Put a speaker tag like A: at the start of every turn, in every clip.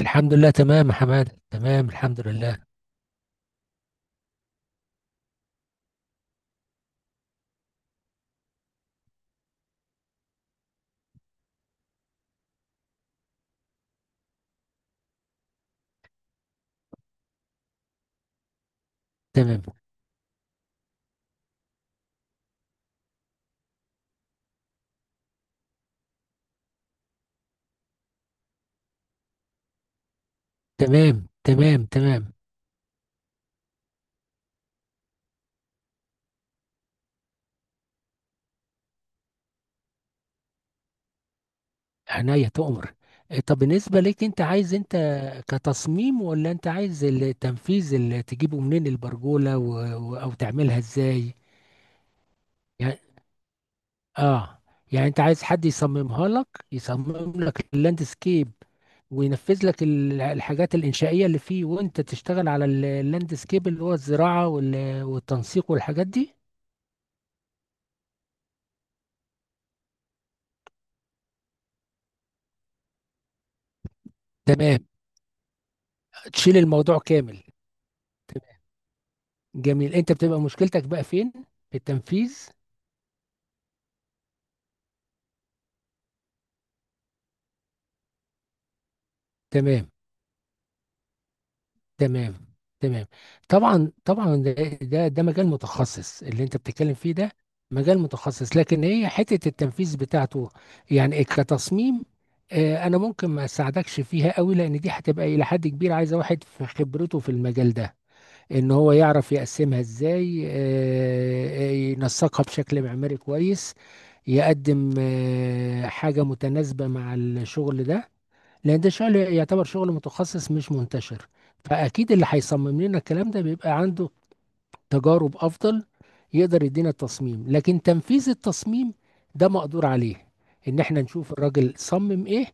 A: الحمد لله، تمام يا حماد، تمام الحمد لله. تمام تمام تمام تمام، عينيا تؤمر. طب بالنسبة ليك، انت عايز، انت كتصميم ولا انت عايز التنفيذ؟ اللي تجيبه منين البرجولة او تعملها ازاي يعني؟ اه، يعني انت عايز حد يصممها لك، يصمم لك اللاندسكيب وينفذ لك الحاجات الإنشائية اللي فيه، وانت تشتغل على اللاندسكيب اللي هو الزراعة والتنسيق والحاجات دي؟ تمام، تشيل الموضوع كامل. جميل، انت بتبقى مشكلتك بقى فين؟ في التنفيذ. تمام تمام تمام. طبعا طبعا، ده ده مجال متخصص اللي انت بتتكلم فيه ده. مجال متخصص، لكن هي حتة التنفيذ بتاعته يعني كتصميم، انا ممكن ما اساعدكش فيها قوي، لان دي هتبقى الى حد كبير عايزة واحد في خبرته في المجال ده، ان هو يعرف يقسمها ازاي، ينسقها بشكل معماري كويس، يقدم حاجة متناسبة مع الشغل ده. لان ده شغل يعتبر شغل متخصص مش منتشر، فاكيد اللي هيصمم لنا الكلام ده بيبقى عنده تجارب افضل، يقدر يدينا التصميم. لكن تنفيذ التصميم ده مقدور عليه، ان احنا نشوف الراجل صمم ايه.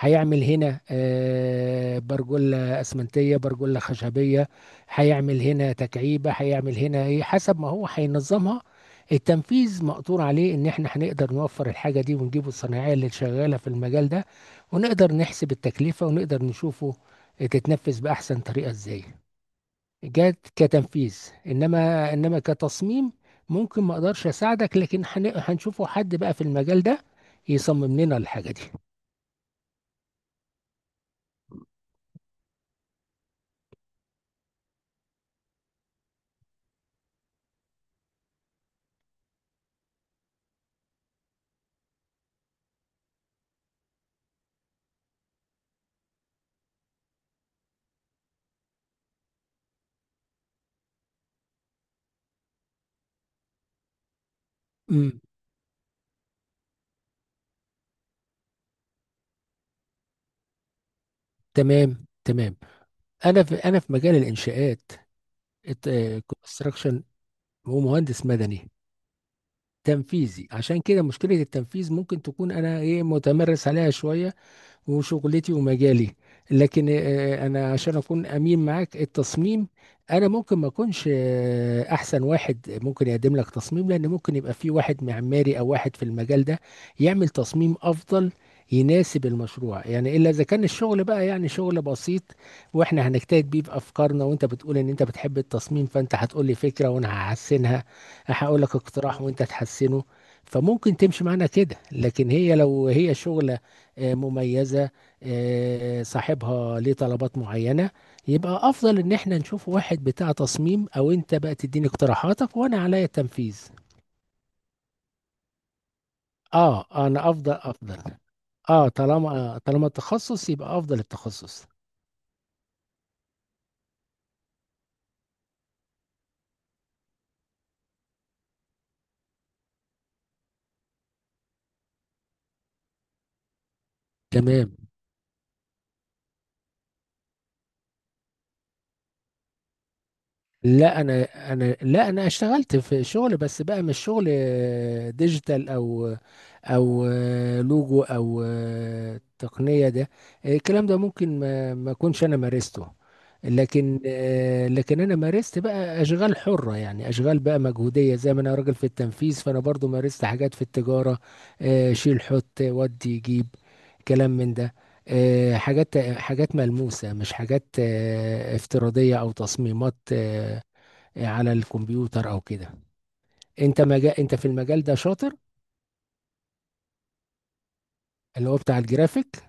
A: هيعمل هنا برجولة اسمنتية، برجولة خشبية، هيعمل هنا تكعيبة، هيعمل هنا ايه حسب ما هو هينظمها. التنفيذ مقدور عليه، ان احنا هنقدر نوفر الحاجة دي ونجيبه الصناعية اللي شغالة في المجال ده، ونقدر نحسب التكلفة، ونقدر نشوفه تتنفذ بأحسن طريقة ازاي. جات كتنفيذ، انما كتصميم ممكن ما اقدرش اساعدك، لكن هنشوفه حد بقى في المجال ده يصمم لنا الحاجه دي. امم، تمام تمام. انا في، انا في مجال الانشاءات، كونستراكشن، ومهندس مدني تنفيذي، عشان كده مشكله التنفيذ ممكن تكون انا ايه، متمرس عليها شويه وشغلتي ومجالي. لكن انا عشان اكون امين معاك، التصميم انا ممكن ما اكونش احسن واحد ممكن يقدم لك تصميم، لان ممكن يبقى في واحد معماري او واحد في المجال ده يعمل تصميم افضل يناسب المشروع. يعني الا اذا كان الشغل بقى يعني شغل بسيط، واحنا هنجتهد بيه بافكارنا، وانت بتقول ان انت بتحب التصميم، فانت هتقول لي فكره وانا هحسنها، هقول لك اقتراح وانت تحسنه، فممكن تمشي معانا كده. لكن هي لو هي شغل مميزة، صاحبها ليه طلبات معينة، يبقى أفضل إن احنا نشوف واحد بتاع تصميم، أو أنت بقى تديني اقتراحاتك وأنا عليا التنفيذ. آه، أنا أفضل أفضل، آه طالما طالما التخصص، يبقى أفضل التخصص. تمام. لا انا، انا لا، انا اشتغلت في شغل بس بقى مش شغل ديجيتال او او لوجو او تقنية ده، الكلام ده ممكن ما اكونش انا مارسته. لكن لكن انا مارست بقى اشغال حرة، يعني اشغال بقى مجهودية. زي ما انا راجل في التنفيذ، فانا برضو مارست حاجات في التجارة، شيل حط ودي جيب، كلام من ده، حاجات حاجات ملموسة، مش حاجات افتراضية أو تصميمات على الكمبيوتر او كده. انت مجال، انت في المجال ده شاطر، اللي هو بتاع الجرافيك.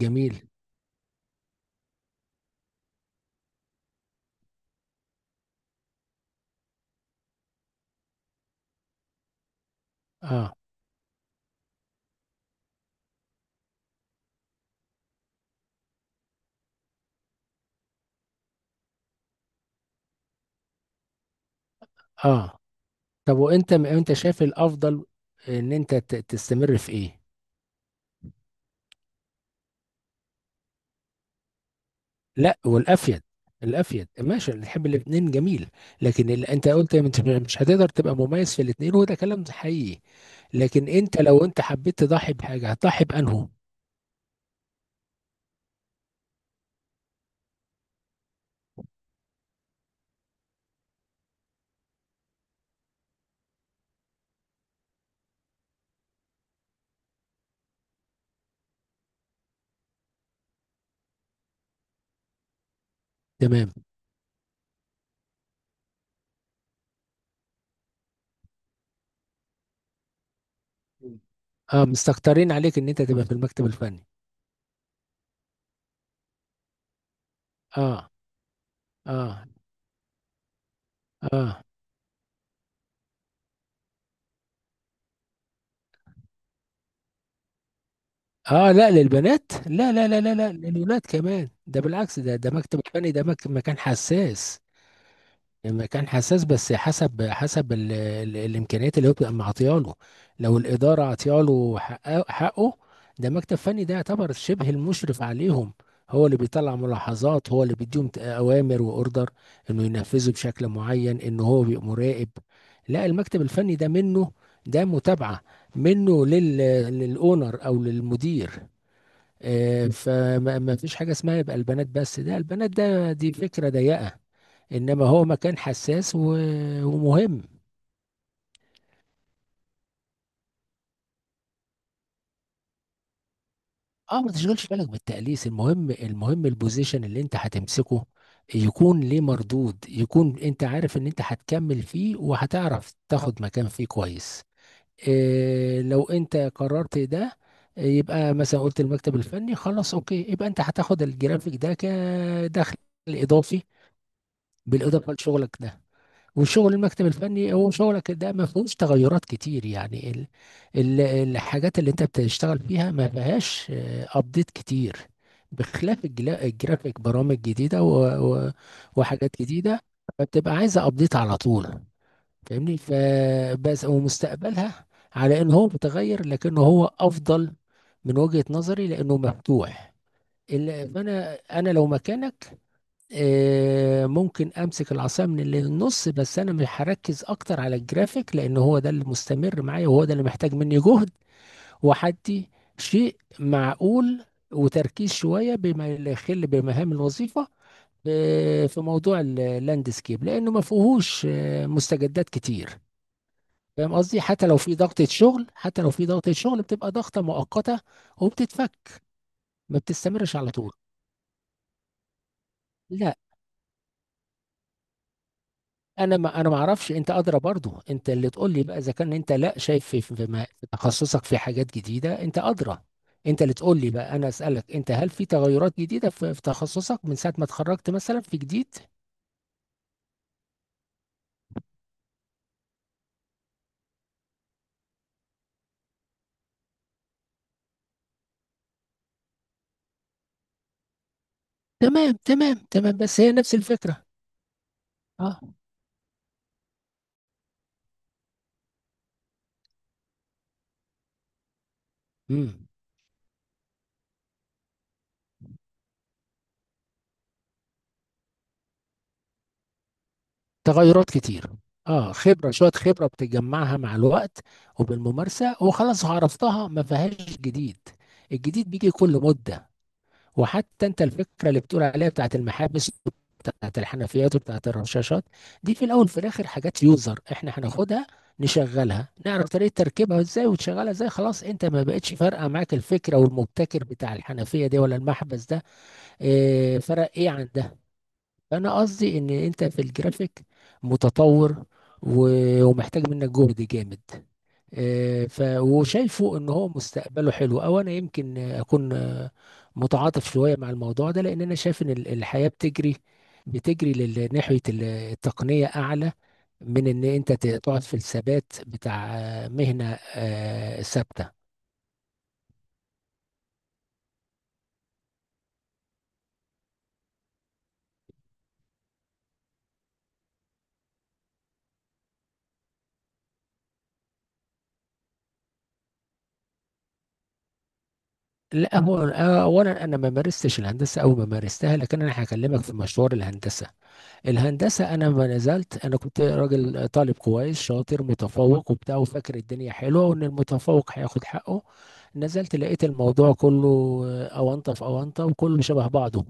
A: جميل. اه اه. طب وانت، انت شايف الافضل ان انت تستمر في ايه؟ لا، والافيد، الافيد ماشي، نحب الاثنين جميل. لكن اللي انت قلت، انت مش هتقدر تبقى مميز في الاثنين، وده كلام حقيقي. لكن انت لو انت حبيت تضحي بحاجه، هتضحي بانه. تمام. اه، مستكترين عليك ان انت تبقى في المكتب الفني؟ اه. اه اه. اه، لا للبنات، لا لا لا لا لا، للولاد كمان، ده بالعكس، ده مكتب الفني، ده مكان حساس. يعني مكان حساس، بس حسب حسب ال ال الامكانيات اللي هو بيبقى معطيها له. لو الاداره عطيها له حقه، حقه، ده مكتب فني، ده يعتبر شبه المشرف عليهم، هو اللي بيطلع ملاحظات، هو اللي بيديهم اوامر واوردر انه ينفذوا بشكل معين، انه هو بيبقى مراقب. لا، المكتب الفني ده منه، ده متابعه منه لل، للاونر او للمدير. فما ما فيش حاجة اسمها يبقى البنات بس، ده البنات ده، دي فكرة ضيقة. إنما هو مكان حساس ومهم. اه، ما تشغلش بالك بالتأليس، المهم المهم البوزيشن اللي انت هتمسكه يكون ليه مردود، يكون انت عارف ان انت هتكمل فيه، وهتعرف تاخد مكان فيه كويس. إيه لو انت قررت ده، يبقى مثلا قلت المكتب الفني خلاص اوكي، يبقى انت هتاخد الجرافيك ده كدخل اضافي، بالاضافه لشغلك ده. وشغل المكتب الفني هو شغلك ده ما فيهوش تغيرات كتير، يعني ال ال الحاجات اللي انت بتشتغل فيها ما فيهاش ابديت كتير، بخلاف الجرافيك، برامج جديدة و و وحاجات جديدة بتبقى عايزة ابديت على طول. فاهمني؟ فبس، ومستقبلها على ان هو متغير، لكنه هو افضل من وجهة نظري لانه مفتوح. فانا، انا لو مكانك ممكن امسك العصايه من اللي في النص، بس انا مش هركز اكتر على الجرافيك، لان هو ده اللي مستمر معايا، وهو ده اللي محتاج مني جهد وحدي، شيء معقول وتركيز شويه بما لا يخل بمهام الوظيفه في موضوع اللاندسكيب، لانه ما فيهوش مستجدات كتير. فاهم قصدي؟ حتى لو في ضغطة شغل، حتى لو في ضغطة شغل بتبقى ضغطة مؤقتة وبتتفك، ما بتستمرش على طول. لا انا، ما انا ما اعرفش، انت ادرى برضو، انت اللي تقول لي بقى اذا كان انت لا شايف في في في تخصصك في حاجات جديده، انت ادرى. انت اللي تقول لي بقى، انا اسالك انت، هل في تغيرات جديده في في تخصصك من ساعه ما اتخرجت، مثلا في جديد؟ تمام تمام تمام، بس هي نفس الفكره. اه. امم، تغيرات كتير. اه، خبره شويه، خبره بتجمعها مع الوقت وبالممارسه وخلاص عرفتها، ما فيهاش جديد. الجديد بيجي كل مده. وحتى انت الفكره اللي بتقول عليها بتاعت المحابس، بتاعت الحنفيات وبتاعت الرشاشات، دي في الاول في الاخر حاجات يوزر، احنا هناخدها نشغلها، نعرف طريقه تركيبها ازاي وتشغلها ازاي، خلاص انت ما بقتش فارقه معاك الفكره والمبتكر بتاع الحنفيه دي ولا المحبس ده. اه، فرق ايه عن ده. فانا قصدي ان انت في الجرافيك متطور ومحتاج منك جهد جامد، ف وشايفه ان هو مستقبله حلو. او انا يمكن اكون متعاطف شويه مع الموضوع ده، لان انا شايف ان الحياه بتجري، بتجري ناحيه التقنيه اعلى من ان انت تقعد في الثبات بتاع مهنه ثابته. لا، هو اولا انا ما مارستش الهندسه او ما مارستها، لكن انا هكلمك في مشوار الهندسه. الهندسه انا ما نزلت، انا كنت راجل طالب كويس شاطر متفوق وبتاع، وفاكر الدنيا حلوه وان المتفوق هياخد حقه، نزلت لقيت الموضوع كله اونطه في اونطه، وكله شبه بعضه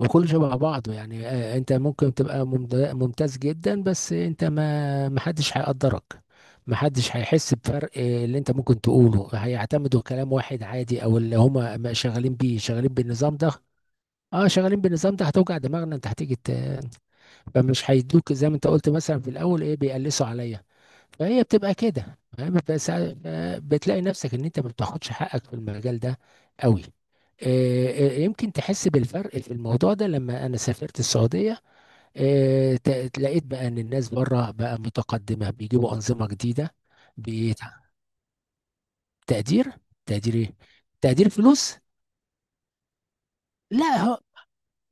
A: وكله شبه بعضه يعني. انت ممكن تبقى ممتاز جدا، بس انت ما، محدش هيقدرك، محدش هيحس بفرق. اللي انت ممكن تقوله هيعتمدوا كلام واحد عادي، او اللي هما ما شغالين بيه شغالين بالنظام ده. اه، شغالين بالنظام ده، هتوجع دماغنا انت هتيجي، فمش هيدوك زي ما انت قلت مثلا في الاول ايه، بيقلسوا عليا. فهي بتبقى كده، فاهم؟ بس بتلاقي نفسك ان انت ما بتاخدش حقك في المجال ده قوي. يمكن تحس بالفرق في الموضوع ده لما انا سافرت السعوديه، لقيت بقى ان الناس بره بقى متقدمه، بيجيبوا انظمه جديده. بتقدير. تقدير ايه؟ تقدير فلوس؟ لا،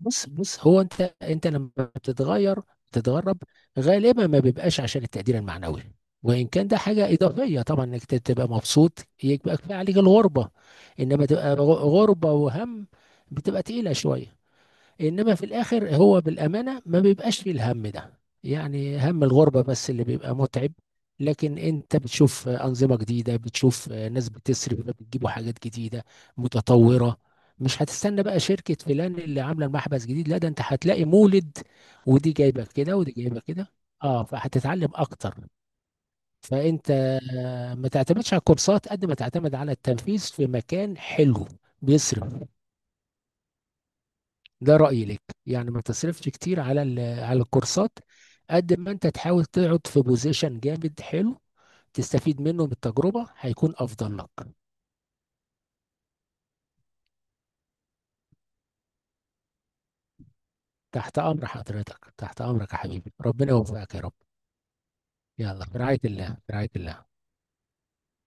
A: بص بص، هو انت، انت لما بتتغير، بتتغرب، غالبا ما بيبقاش عشان التقدير المعنوي، وان كان ده حاجه اضافيه طبعا، انك تبقى مبسوط، يبقى كفايه عليك الغربه. انما تبقى غربه وهم، بتبقى تقيله شويه. انما في الاخر هو بالامانه ما بيبقاش فيه الهم ده، يعني هم الغربه بس اللي بيبقى متعب. لكن انت بتشوف انظمه جديده، بتشوف ناس بتصرف، بتجيبوا حاجات جديده متطوره. مش هتستنى بقى شركه فلان اللي عامله المحبس جديد، لا، ده انت هتلاقي مولد، ودي جايبه كده ودي جايبه كده. اه، فهتتعلم اكتر. فانت ما تعتمدش على الكورسات قد ما تعتمد على التنفيذ في مكان حلو بيصرف. ده رأيي لك، يعني ما تصرفش كتير على على الكورسات، قد ما انت تحاول تقعد في بوزيشن جامد حلو، تستفيد منه من التجربة، هيكون أفضل لك. تحت أمر حضرتك، تحت أمرك يا حبيبي، ربنا يوفقك يا رب. يلا، في رعاية الله، في رعاية الله.